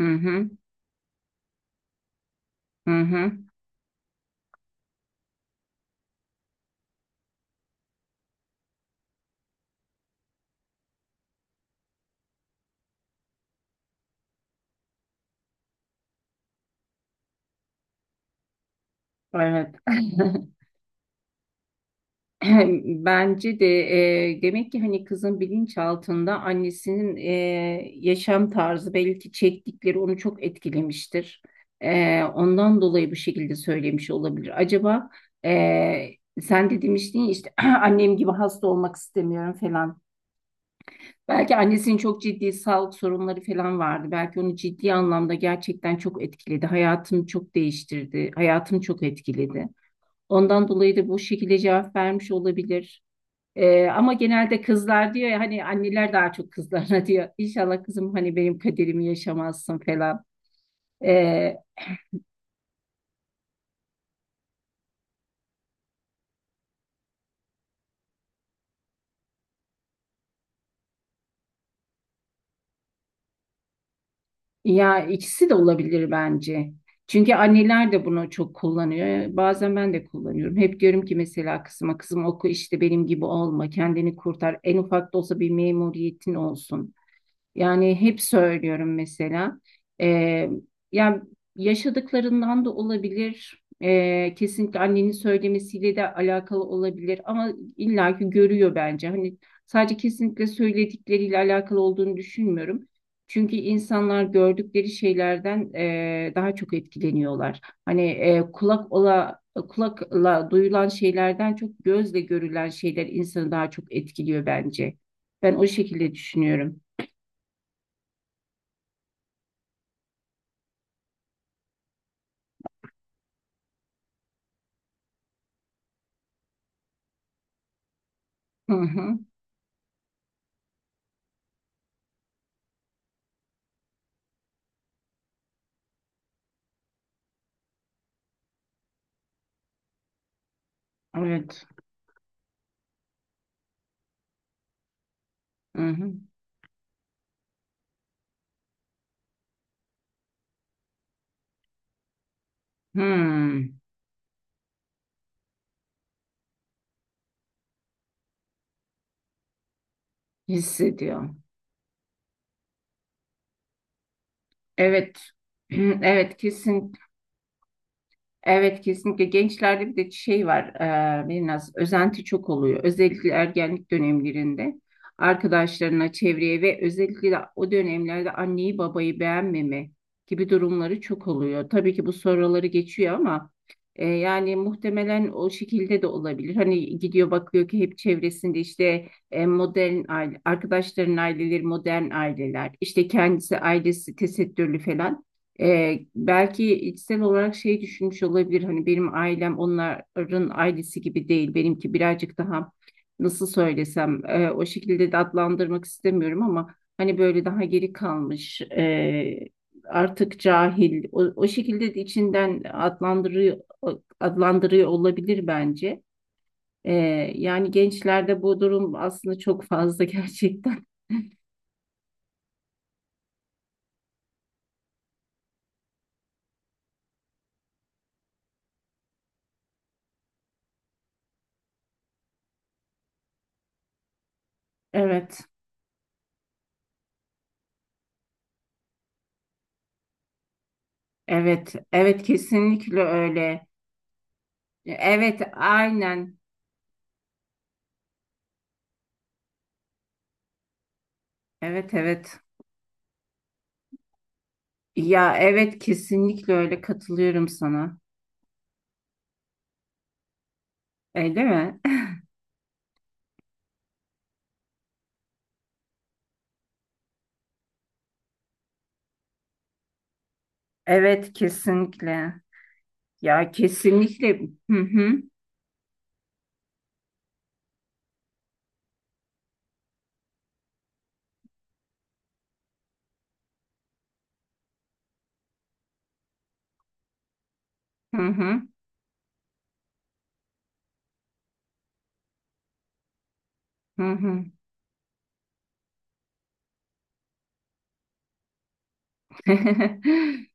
Hı hı, hı hı. Evet. Bence de demek ki hani kızın bilinçaltında annesinin yaşam tarzı belki çektikleri onu çok etkilemiştir. Ondan dolayı bu şekilde söylemiş olabilir. Acaba e, sen de demiştin ya işte annem gibi hasta olmak istemiyorum falan. Belki annesinin çok ciddi sağlık sorunları falan vardı. Belki onu ciddi anlamda gerçekten çok etkiledi. Hayatını çok değiştirdi. Hayatını çok etkiledi. Ondan dolayı da bu şekilde cevap vermiş olabilir. Ama genelde kızlar diyor ya hani anneler daha çok kızlarına diyor. İnşallah kızım hani benim kaderimi yaşamazsın falan. Ee, Ya ikisi de olabilir bence. Çünkü anneler de bunu çok kullanıyor. Bazen ben de kullanıyorum. Hep diyorum ki mesela kızıma kızım oku işte benim gibi olma, kendini kurtar. En ufak da olsa bir memuriyetin olsun. Yani hep söylüyorum mesela. Ee, Yani yaşadıklarından da olabilir. Kesinlikle annenin söylemesiyle de alakalı olabilir. Ama illaki görüyor bence. Hani sadece kesinlikle söyledikleriyle alakalı olduğunu düşünmüyorum. Çünkü insanlar gördükleri şeylerden daha çok etkileniyorlar. Hani kulakla duyulan şeylerden çok gözle görülen şeyler insanı daha çok etkiliyor bence. Ben o şekilde düşünüyorum. Hı hı. Evet. Hı hı. Hmm. Hissediyor. Evet. Evet kesin. Evet kesinlikle gençlerde bir de şey var biraz özenti çok oluyor özellikle ergenlik dönemlerinde arkadaşlarına çevreye ve özellikle de o dönemlerde anneyi babayı beğenmeme gibi durumları çok oluyor. Tabii ki bu soruları geçiyor ama yani muhtemelen o şekilde de olabilir. Hani gidiyor bakıyor ki hep çevresinde işte modern aile arkadaşların aileleri modern aileler işte kendisi ailesi tesettürlü falan. Belki içsel olarak şey düşünmüş olabilir hani benim ailem onların ailesi gibi değil benimki birazcık daha nasıl söylesem o şekilde de adlandırmak istemiyorum ama hani böyle daha geri kalmış artık cahil o şekilde de içinden adlandırıyor olabilir bence. Ee, Yani gençlerde bu durum aslında çok fazla gerçekten. Evet, evet, evet kesinlikle öyle. Evet, aynen. Evet, evet. Ya evet kesinlikle öyle katılıyorum sana. Öyle mi? Evet, kesinlikle. Ya kesinlikle. Hı hı, hı hı, hı hı.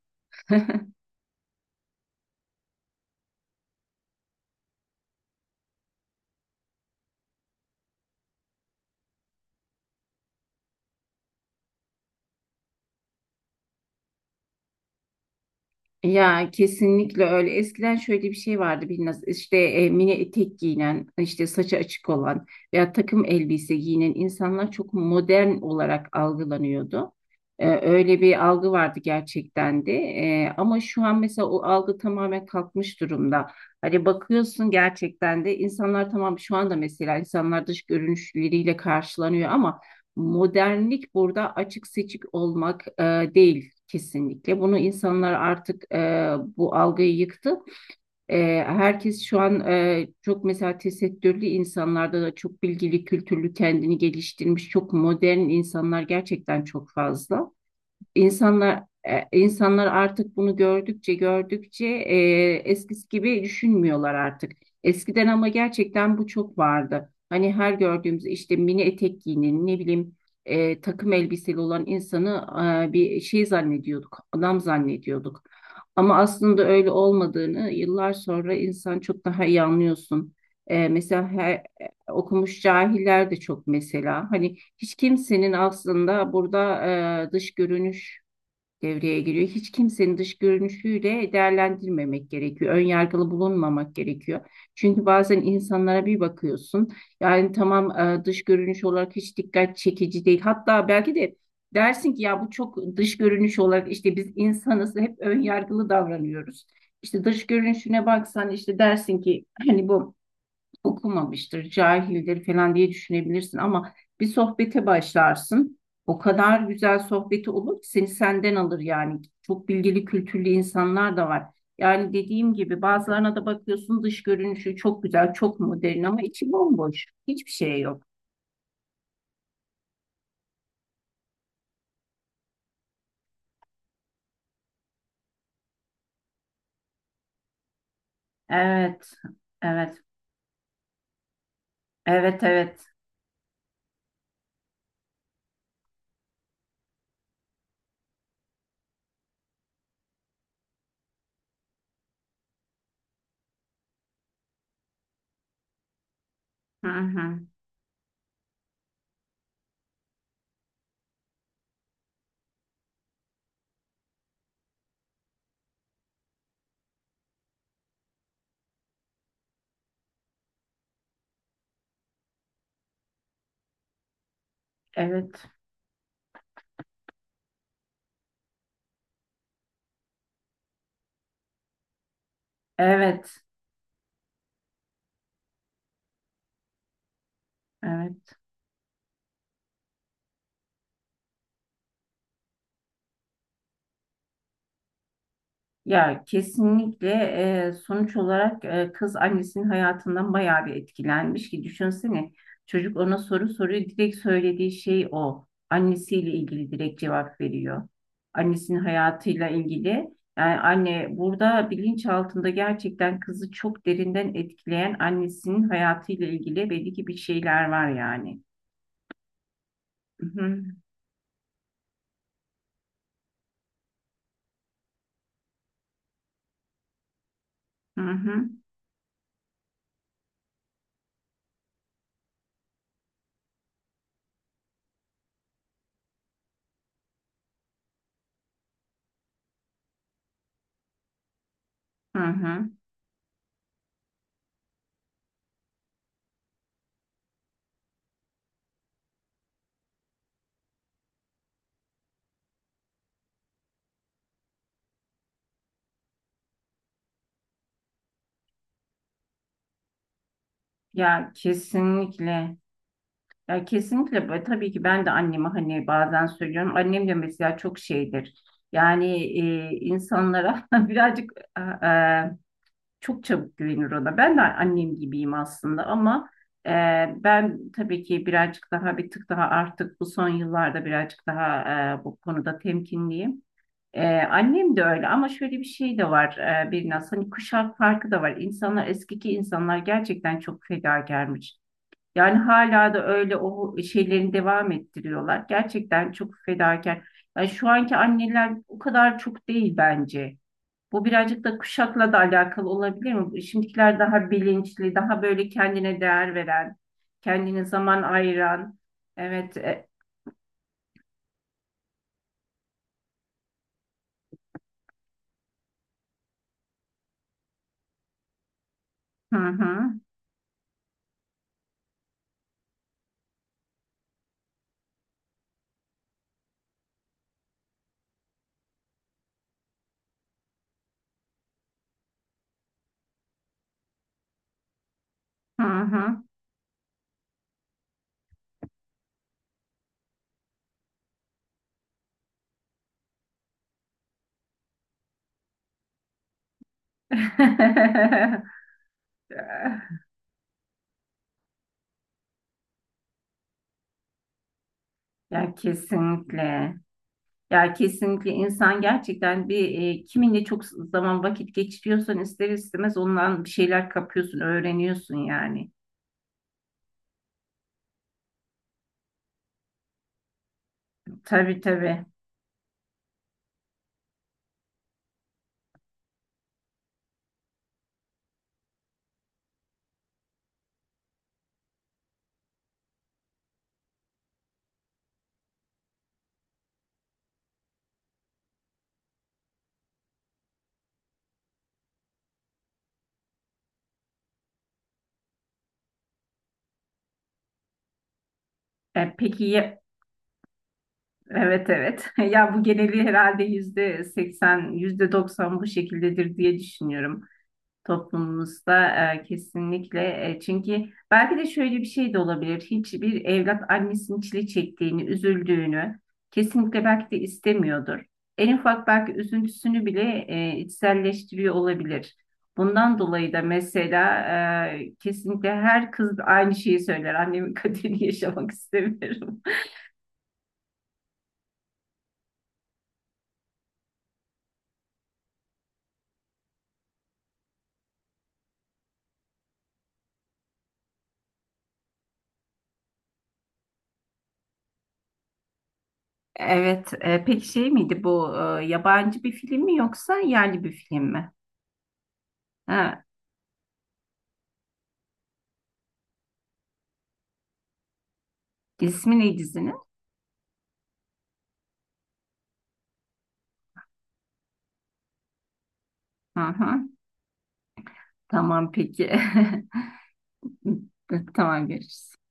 Ya kesinlikle öyle. Eskiden şöyle bir şey vardı biraz işte mini etek giyinen, işte saçı açık olan veya takım elbise giyinen insanlar çok modern olarak algılanıyordu. Öyle bir algı vardı gerçekten de. Ama şu an mesela o algı tamamen kalkmış durumda. Hani bakıyorsun gerçekten de insanlar tamam şu anda mesela insanlar dış görünüşleriyle karşılanıyor ama modernlik burada açık seçik olmak değil kesinlikle. Bunu insanlar artık bu algıyı yıktı. Herkes şu an çok mesela tesettürlü insanlarda da çok bilgili, kültürlü, kendini geliştirmiş, çok modern insanlar gerçekten çok fazla. İnsanlar artık bunu gördükçe gördükçe eskisi gibi düşünmüyorlar artık. Eskiden ama gerçekten bu çok vardı. Hani her gördüğümüz işte mini etek giyinen ne bileyim takım elbiseli olan insanı bir şey zannediyorduk, adam zannediyorduk. Ama aslında öyle olmadığını yıllar sonra insan çok daha iyi anlıyorsun. Mesela okumuş cahiller de çok mesela. Hani hiç kimsenin aslında burada dış görünüş devreye giriyor. Hiç kimsenin dış görünüşüyle değerlendirmemek gerekiyor. Ön yargılı bulunmamak gerekiyor. Çünkü bazen insanlara bir bakıyorsun. Yani tamam dış görünüş olarak hiç dikkat çekici değil. Hatta belki de dersin ki ya bu çok dış görünüş olarak işte biz insanız hep ön yargılı davranıyoruz. İşte dış görünüşüne baksan işte dersin ki hani bu okumamıştır, cahildir falan diye düşünebilirsin ama bir sohbete başlarsın. O kadar güzel sohbeti olur ki seni senden alır yani. Çok bilgili, kültürlü insanlar da var. Yani dediğim gibi bazılarına da bakıyorsun dış görünüşü çok güzel, çok modern ama içi bomboş. Hiçbir şey yok. Evet, evet, evet, evet. Hı hı. Evet, evet, evet. Ya kesinlikle sonuç olarak kız annesinin hayatından bayağı bir etkilenmiş ki düşünsene çocuk ona soru soruyor direkt söylediği şey o annesiyle ilgili direkt cevap veriyor annesinin hayatıyla ilgili yani anne burada bilinç altında gerçekten kızı çok derinden etkileyen annesinin hayatıyla ilgili belli ki bir şeyler var yani. Hı hı hı hı. Hı hı. Ya kesinlikle. Ya kesinlikle ve tabii ki ben de anneme hani bazen söylüyorum. Annem de mesela çok şeydir. Yani insanlara birazcık e, e, çok çabuk güvenir ona. Ben de annem gibiyim aslında ama e, ben tabii ki birazcık daha bir tık daha artık bu son yıllarda birazcık daha bu konuda temkinliyim. Annem de öyle ama şöyle bir şey de var biraz hani kuşak farkı da var. Eskiki insanlar gerçekten çok fedakarmış. Yani hala da öyle o şeylerini devam ettiriyorlar. Gerçekten çok fedakar. Yani şu anki anneler o kadar çok değil bence. Bu birazcık da kuşakla da alakalı olabilir mi? Şimdikiler daha bilinçli, daha böyle kendine değer veren, kendine zaman ayıran. Evet. Hı hı. Hı hı. Ya kesinlikle. Ya kesinlikle insan gerçekten bir kiminle çok zaman vakit geçiriyorsan ister istemez ondan bir şeyler kapıyorsun, öğreniyorsun yani. Tabii tabii. E, peki ya- evet, evet. Ya bu geneli herhalde %80, yüzde doksan bu şekildedir diye düşünüyorum. Toplumumuzda kesinlikle çünkü belki de şöyle bir şey de olabilir. Hiçbir evlat annesinin çile çektiğini, üzüldüğünü kesinlikle belki de istemiyordur. En ufak belki üzüntüsünü bile içselleştiriyor olabilir. Bundan dolayı da mesela kesinlikle her kız aynı şeyi söyler. Annemin kaderini yaşamak istemiyorum. Evet, peki şey miydi bu yabancı bir film mi yoksa yerli bir film mi? Ha, ismi ne dizinin? Hı hı. Tamam peki. Tamam görüşürüz.